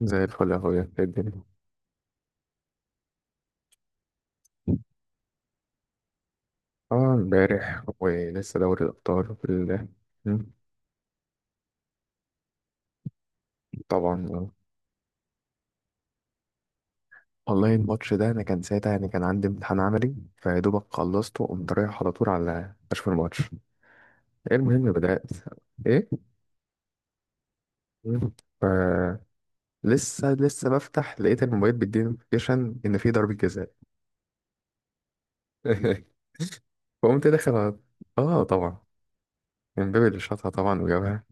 زي الفل يا اخويا، إيه الدنيا؟ اه، امبارح ولسه دوري الابطال وفي مم، طبعا آه. والله الماتش ده انا كان ساعتها يعني كان عندي امتحان عملي فيا دوبك خلصته وقمت رايح على طول على اشوف الماتش. ايه المهم بدات. ايه؟ مم. ف لسه بفتح لقيت الموبايل بيديني نوتيفيكيشن ان في ضربه جزاء. فقمت داخل على- اه طبعا. امبابي اللي شاطها طبعا وجابها.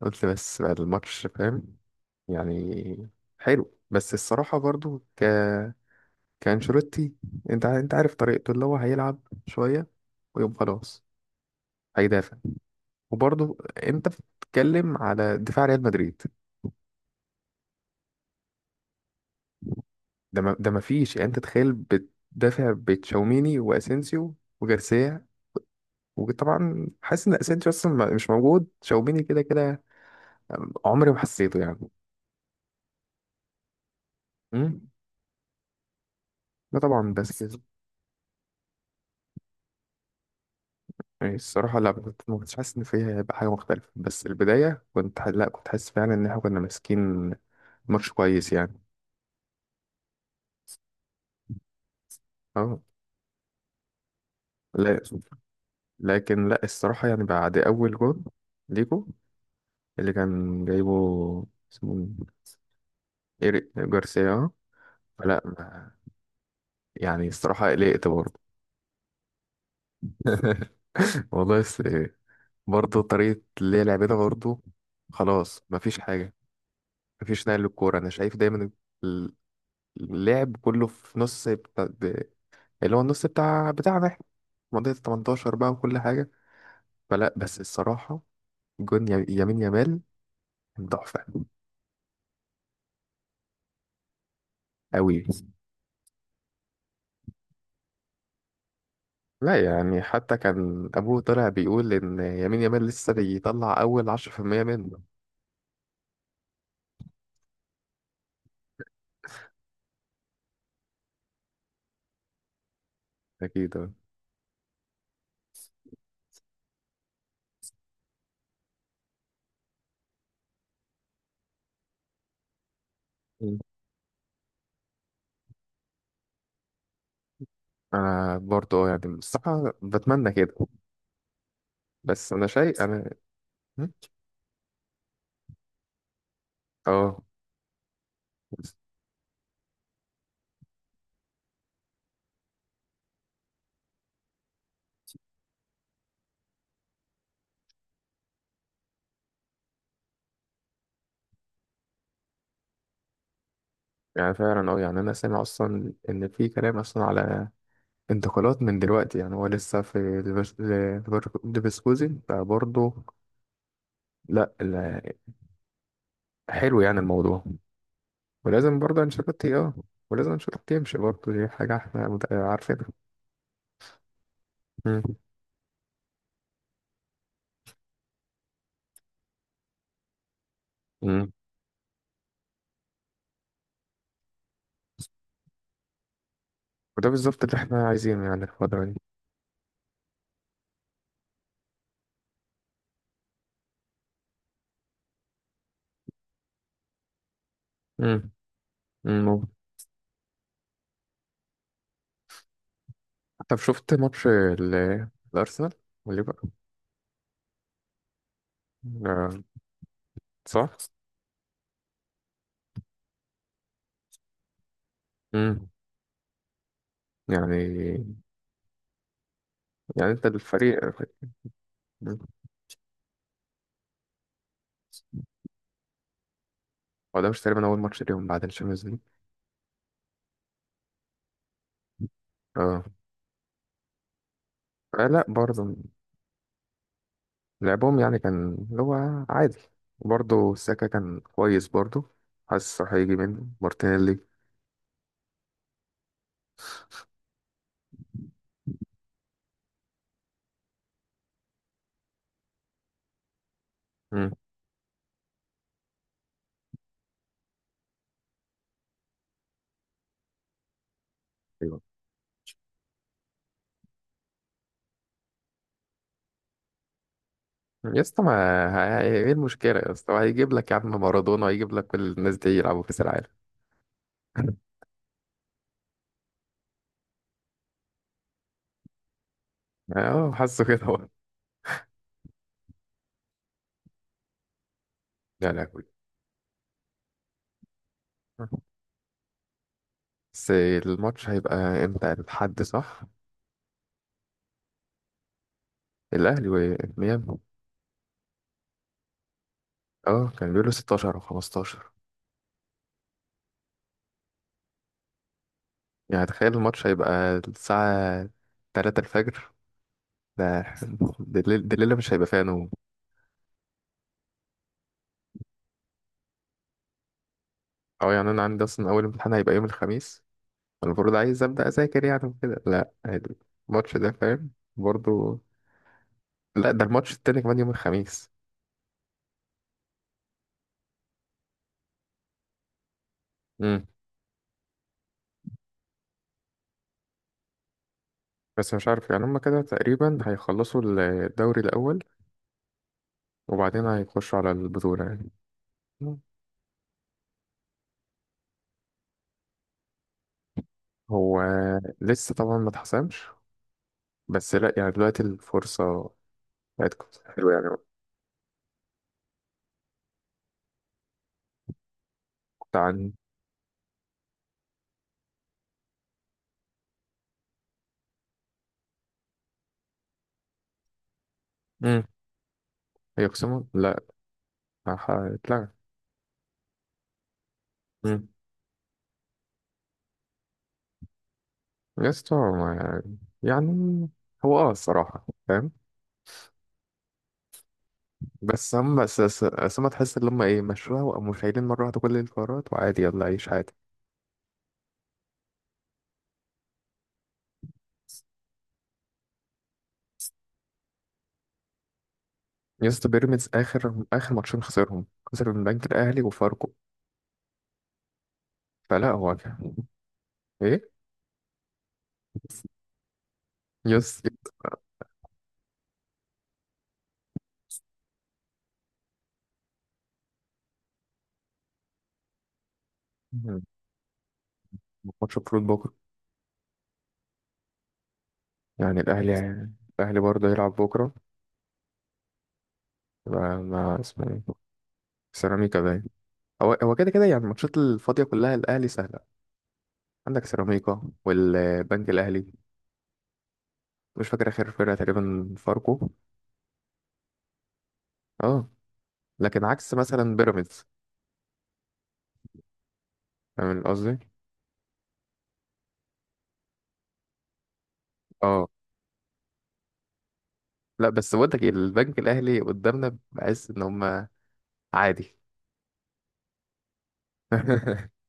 قلت بس بعد الماتش، فاهم؟ يعني حلو، بس الصراحة برضو كأنشيلوتي، انت عارف طريقته اللي هو هيلعب شوية ويقوم خلاص هيدافع، وبرضو انت بتتكلم على دفاع ريال مدريد. ده ما فيش، يعني انت تخيل بتدافع بتشاوميني واسينسيو وجارسيا، وطبعا حاسس ان اسينسيو اصلا مش موجود، تشاوميني كده كده عمري ما حسيته يعني. امم، لا طبعا. بس يعني الصراحة لا، ما كنتش حاسس إن فيها هيبقى حاجة مختلفة، بس البداية لا، كنت حاسس فعلا إن إحنا كنا ماسكين ماتش كويس يعني. اه. لا لكن لا الصراحة، يعني بعد أول جول ليكو اللي كان جايبه، اسمه مين؟ إيريك جارسيا، اه. فلا ما- يعني الصراحة قلقت برضه. والله بس برضه طريقة اللي هي لعبتها برضه خلاص مفيش حاجة، مفيش نقل للكورة، أنا شايف دايما ال- اللعب كله في نص، اللي هو النص بتاع بتاعنا احنا، منطقة 18 بقى وكل حاجة. فلا بس الصراحة، يمين يامال كان تحفة أوي. لا يعني حتى كان أبوه طلع بيقول إن يمين يامال لسه بيطلع أول 10% منه. أكيد أه. مم. أنا برضه آه، يعني الصراحة بتمنى كده. بس أنا شايف أنا. مم. أه يعني فعلا أه، يعني أنا سامع أصلا إن في كلام أصلا على انتقالات من دلوقتي، يعني هو لسه في ليفركوزن فبرضه. لا لا، حلو يعني الموضوع. ولازم برضه انشيلوتي اه، ولازم انشيلوتي يمشي برضه، دي حاجة احنا عارفينها. مم. مم. وده بالظبط اللي احنا عايزينه يعني الفترة دي. مم. مم. ممكن. طب شفت ماتش الأرسنال والليفر؟ آه، صح؟ مم. يعني، يعني انت الفريق. مم. هو ده مش تقريبا أول ماتش ليهم بعد الشامبيونز ليج؟ اه. آه، لا برضه لعبهم يعني كان اللي هو عادي، وبرضه الساكا كان كويس برضه، حاسس راح هيجي منه مارتينيلي. مم. ايوه. يا اسطى ما ه- ايه، إيه المشكلة يا اسطى؟ هيجيب لك يا عم مارادونا، هيجيب لك كل الناس دي يلعبوا كأس العالم. اه حاسه كده هو. لا لا كويس. بس الماتش هيبقى امتى؟ الحد، صح؟ الاهلي وميامي. اه كان بيقولوا 16 او 15، يعني تخيل الماتش هيبقى الساعة 3 الفجر ده. ده الليلة مش هيبقى فيها نوم. اه يعني انا عندي اصلا اول امتحان هيبقى يوم الخميس، المفروض عايز ابدا اذاكر يعني وكده، لا الماتش ده فاهم، برضو، لا ده الماتش التاني كمان يوم الخميس. امم. بس مش عارف، يعني هما كده تقريبا هيخلصوا الدوري الاول وبعدين هيخشوا على البطوله يعني. مم. هو لسه طبعا ما اتحسمش، بس لا يعني دلوقتي الفرصه بتاعتكم حلوه يعني. كنت عن. امم. هيقسموا؟ لا، هتلغى. امم. يا اسطى ما- يعني هو اه الصراحه فاهم، بس هم بس هم تحس ان هم ايه، مشروع، وقاموا شايلين مره واحده كل القرارات، وعادي يلا عيش عادي. يا اسطى بيراميدز اخر ماتشين خسرهم، خسر من البنك الاهلي وفاركو. فلا هو كان ايه. يا اسطى. ماتش المفروض بكره يعني، الاهلي، الاهلي برضه هيلعب بكره مع مع اسمه ايه، سيراميكا باين. هو هو كده كده يعني الماتشات الفاضيه كلها الاهلي سهله، عندك سيراميكا والبنك الاهلي، مش فاكر اخر فرقه تقريبا فاركو. اه. لكن عكس مثلا بيراميدز، فاهم قصدي؟ اه لا بس بقول لك إيه، البنك الاهلي قدامنا بحس ان هم عادي.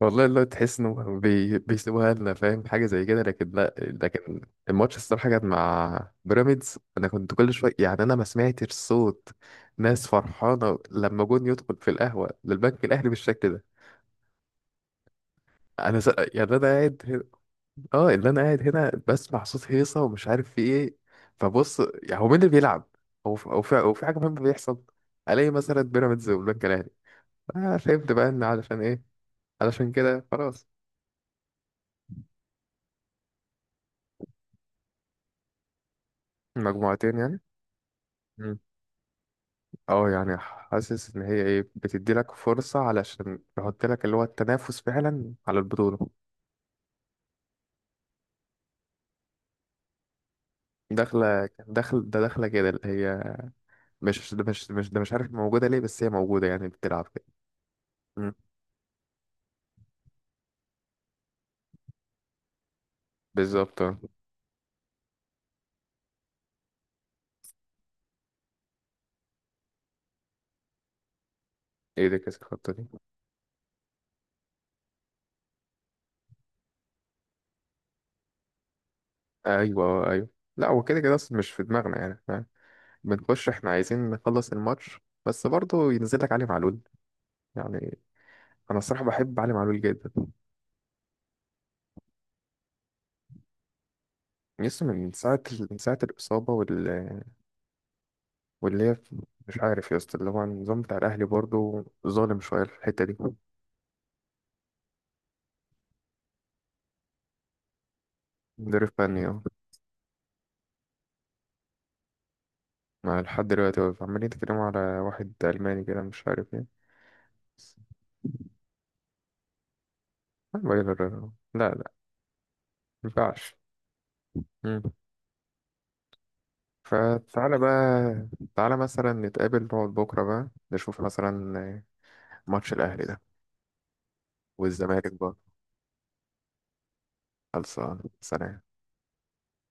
والله اللي هو تحس انه بيسيبوها لنا فاهم، حاجه زي كده، لكن لا لكن الماتش الصراحه كان مع بيراميدز، انا كنت كل شويه، يعني انا ما سمعتش صوت ناس فرحانه لما جون يدخل في القهوه للبنك الاهلي بالشكل ده. انا س... يعني انا قاعد، اه اللي انا قاعد هنا بسمع صوت هيصه ومش عارف في ايه، فبص يعني هو مين اللي بيلعب، هو في حاجه مهمه بيحصل، الاقي مثلا بيراميدز والبنك الاهلي، آه فهمت بقى ان علشان ايه، علشان كده خلاص. مجموعتين يعني. مم. اه يعني حاسس ان هي ايه، بتدي لك فرصه علشان تحط لك اللي هو التنافس فعلا على البطوله. داخله داخل ده داخله كده اللي هي مش عارف موجوده ليه، بس هي موجوده يعني بتلعب كده. مم. بالظبط اه. ايه ده كاس الخطه دي؟ ايوه آه، ايوه. لا هو كده كده اصلا مش في دماغنا، يعني فاهم، بنخش احنا عايزين نخلص الماتش. بس برضه ينزل لك علي معلول يعني. انا الصراحه بحب علي معلول جدا. يسطا من ساعه، من ساعه الاصابه وال، واللي هي، مش عارف يا اسطى اللي هو النظام بتاع الاهلي برضه ظالم شويه في الحته دي. مدرب فني اه. مع لحد دلوقتي واقف. عمالين يتكلموا على واحد الماني كده مش عارف ايه. بس ما بقى- ما ينفعش. فتعالى بقى، تعالى مثلا نتقابل نقعد بكرة بقى نشوف مثلا ماتش الأهلي ده والزمالك بقى. خلصان، سلام.